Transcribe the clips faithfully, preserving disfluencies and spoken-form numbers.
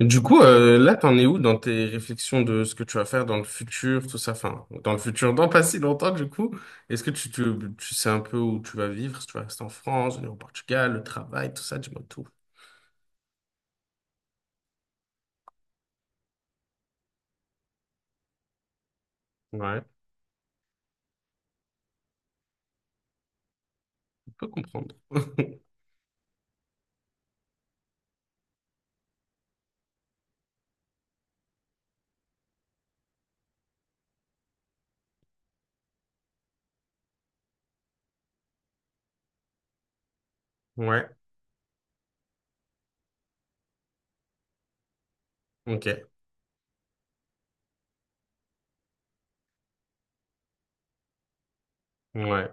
Du coup, euh, là, t'en es où dans tes réflexions de ce que tu vas faire dans le futur, tout ça, enfin, dans le futur, dans pas si longtemps, du coup, est-ce que tu, tu, tu sais un peu où tu vas vivre, si tu vas rester en France, venir au Portugal, le travail, tout ça, dis-moi tout. Ouais, on peut comprendre. Ouais, ok, ouais,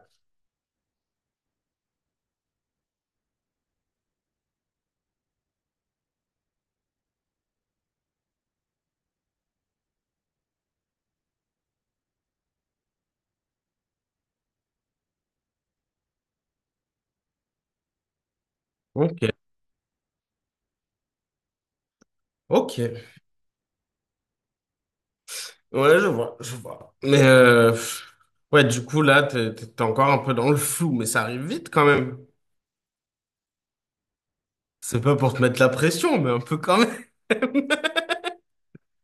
ok, ok. Ouais, je vois, je vois. Mais, euh, pff, ouais, du coup, là, t'es, t'es t'es encore un peu dans le flou, mais ça arrive vite quand même. C'est pas pour te mettre la pression, mais un peu quand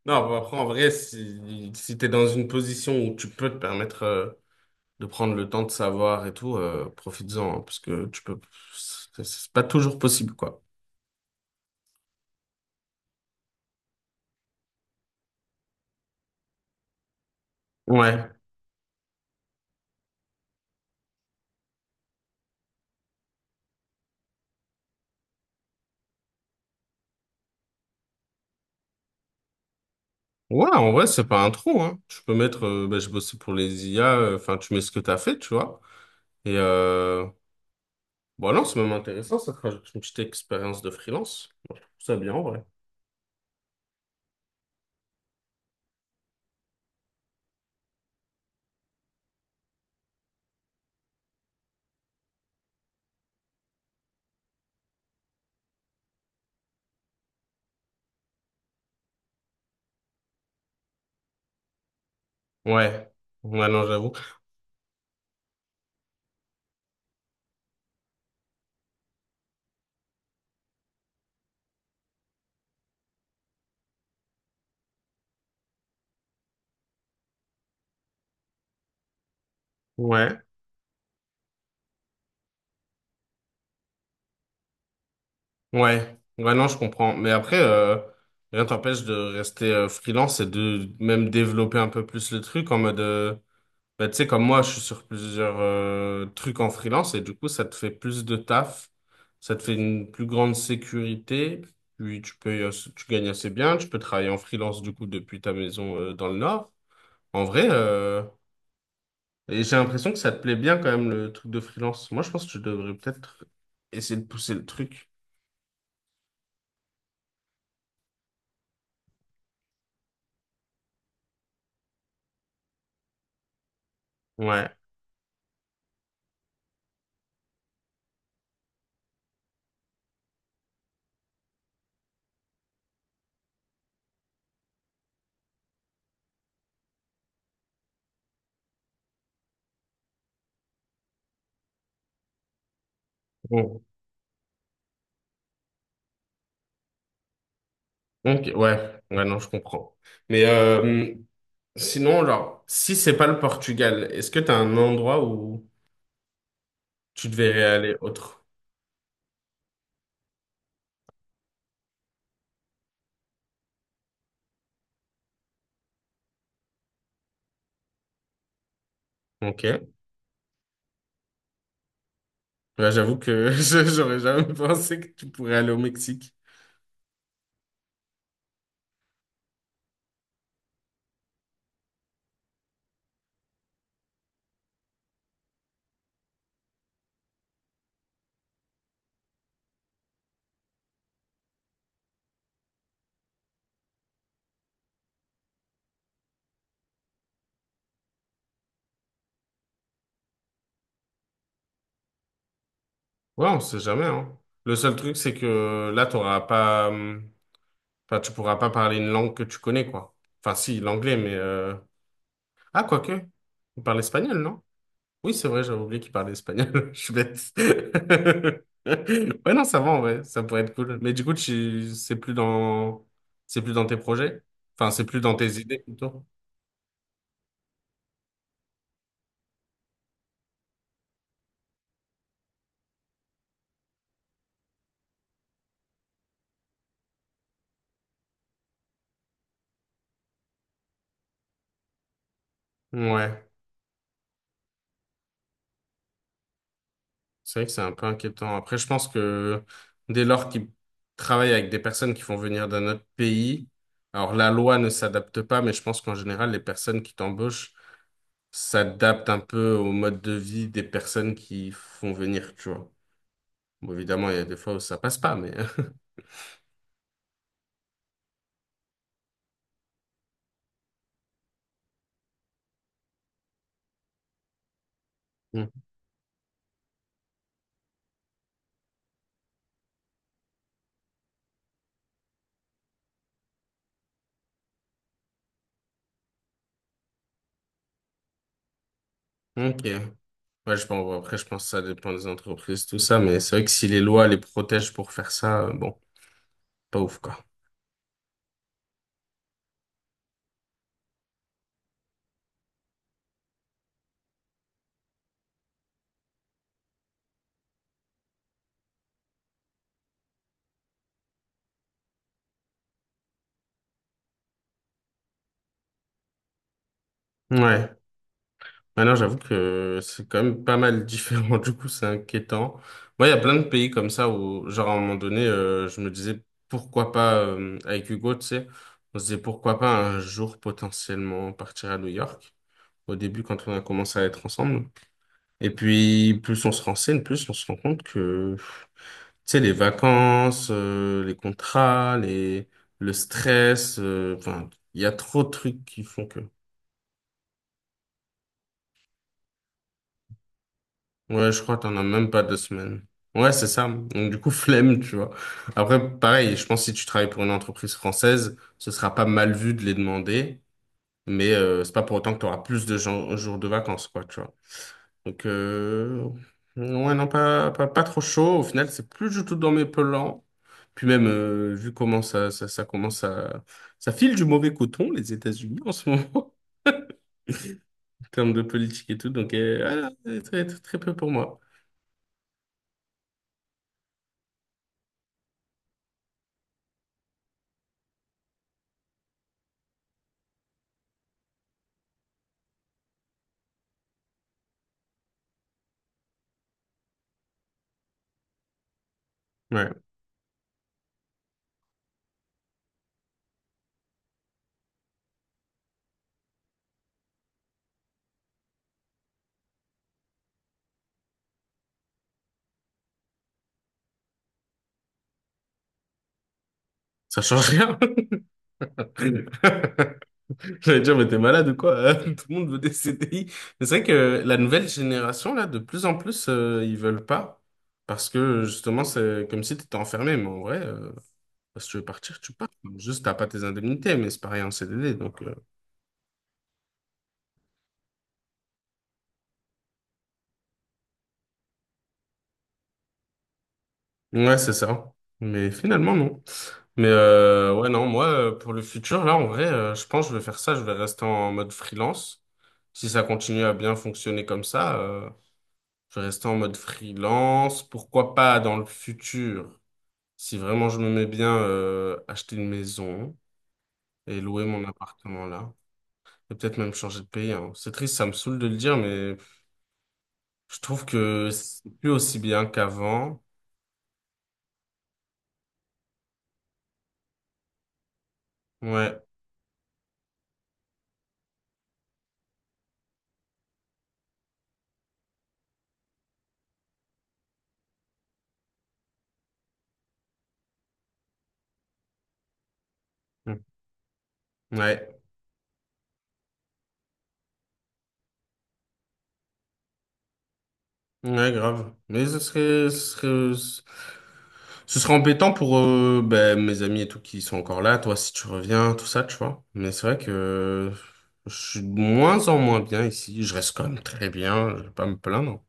non, bah, après, en vrai, si, si t'es dans une position où tu peux te permettre euh, de prendre le temps de savoir et tout, euh, profites-en, hein, parce que tu peux, c'est c'est pas toujours possible, quoi. Ouais. Ouais, en vrai, c'est pas un trou, hein. Tu peux mettre, euh, bah, j'ai bossé pour les I A, euh, enfin, tu mets ce que t'as fait, tu vois. Et, euh, bon, non, c'est même intéressant, ça te rajoute une petite expérience de freelance. Moi, je trouve ça bien, en vrai. Ouais. Ouais, non, j'avoue. Ouais. Ouais, ouais, non, je comprends. Mais après, euh, rien t'empêche de rester euh, freelance et de même développer un peu plus le truc en mode, euh, bah, tu sais, comme moi, je suis sur plusieurs euh, trucs en freelance et du coup, ça te fait plus de taf, ça te fait une plus grande sécurité, puis tu peux, euh, tu gagnes assez bien, tu peux travailler en freelance du coup depuis ta maison euh, dans le Nord. En vrai, euh, et j'ai l'impression que ça te plaît bien quand même le truc de freelance. Moi, je pense que tu devrais peut-être essayer de pousser le truc. Ouais. Donc ouais, ouais, non, je comprends. Mais euh, sinon, genre, si c'est pas le Portugal, est-ce que t'as un endroit où tu devrais aller autre? Ok. Ouais, j'avoue que je- j'aurais jamais pensé que tu pourrais aller au Mexique. Ouais, on sait jamais, hein. Le seul truc, c'est que là, t'auras pas, hum, enfin, tu pourras pas parler une langue que tu connais, quoi. Enfin, si, l'anglais, mais euh... ah, quoique, on parle espagnol, non? Oui, c'est vrai, j'avais oublié qu'il parlait espagnol. Je suis bête. Ouais, non, ça va, ouais. Ça pourrait être cool. Mais du coup, tu... c'est plus dans... c'est plus dans tes projets? Enfin, c'est plus dans tes idées, plutôt. Ouais, c'est vrai que c'est un peu inquiétant. Après, je pense que dès lors qu'ils travaillent avec des personnes qui font venir d'un autre pays, alors la loi ne s'adapte pas, mais je pense qu'en général, les personnes qui t'embauchent s'adaptent un peu au mode de vie des personnes qui font venir, tu vois. Bon, évidemment, il y a des fois où ça passe pas, mais... Ok. Ouais, je pense, après, je pense que ça dépend des entreprises, tout ça, mais c'est vrai que si les lois les protègent pour faire ça, euh, bon, pas ouf, quoi. Ouais. Maintenant, j'avoue que c'est quand même pas mal différent, du coup, c'est inquiétant. Moi, il y a plein de pays comme ça où, genre, à un moment donné, euh, je me disais, pourquoi pas, euh, avec Hugo, tu sais, on se disait, pourquoi pas un jour potentiellement partir à New York, au début, quand on a commencé à être ensemble. Et puis, plus on se renseigne, plus on se rend compte que sais, les vacances, euh, les contrats, les, le stress, euh, enfin, il y a trop de trucs qui font que. Ouais, je crois que t'en as même pas deux semaines. Ouais, c'est ça. Donc, du coup, flemme, tu vois. Après, pareil, je pense que si tu travailles pour une entreprise française, ce sera pas mal vu de les demander, mais euh, c'est pas pour autant que tu auras plus de gens- jours de vacances, quoi, tu vois. Donc, euh, ouais, non, pas, pas, pas trop chaud. Au final, c'est plus du tout dans mes plans. Puis même, euh, vu comment ça, ça, ça commence à... Ça file du mauvais coton, les États-Unis, en ce moment, en termes de politique et tout. Donc, euh, voilà, c'est très, très, très peu pour moi. Ouais, ça change rien. J'allais dire, mais t'es malade ou quoi? Hein, tout le monde veut des C D I. Mais c'est vrai que la nouvelle génération, là, de plus en plus, euh, ils veulent pas. Parce que, justement, c'est comme si t'étais enfermé. Mais en vrai... euh, si tu veux partir, tu pars. Juste, t'as pas tes indemnités, mais c'est pareil en C D D. Donc, euh, ouais, c'est ça. Mais finalement, non. Mais euh, ouais, non, moi, euh, pour le futur, là, en vrai, euh, je pense que je vais faire ça. Je vais rester en mode freelance. Si ça continue à bien fonctionner comme ça, euh, je vais rester en mode freelance. Pourquoi pas dans le futur, si vraiment je me mets bien, euh, acheter une maison et louer mon appartement là. Et peut-être même changer de pays, hein. C'est triste, ça me saoule de le dire, mais je trouve que c'est plus aussi bien qu'avant. Ouais. Mm. Ouais. Ouais, grave. Mais ce serait, ce serait, ce serait embêtant pour euh, ben, mes amis et tout qui sont encore là. Toi, si tu reviens, tout ça, tu vois. Mais c'est vrai que je suis de moins en moins bien ici. Je reste quand même très bien. Je vais pas me plaindre.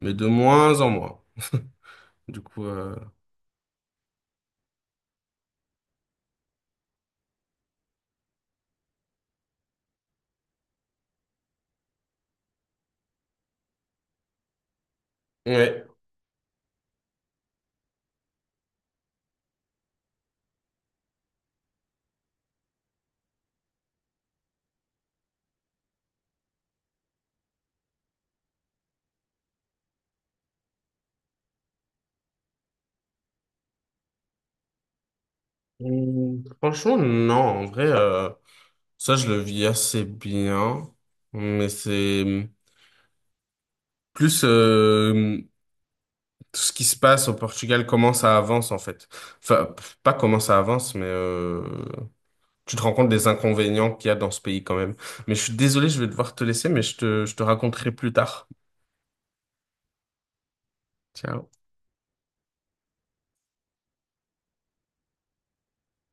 Mais de moins en moins. Du coup, euh, ouais. Mm. Franchement, non. En vrai, euh, ça, je le vis assez bien. Mais c'est, plus euh, tout ce qui se passe au Portugal, comment ça avance en fait. Enfin, pff, pas comment ça avance, mais euh, tu te rends compte des inconvénients qu'il y a dans ce pays quand même. Mais je suis désolé, je vais devoir te laisser, mais je te, je te raconterai plus tard. Ciao.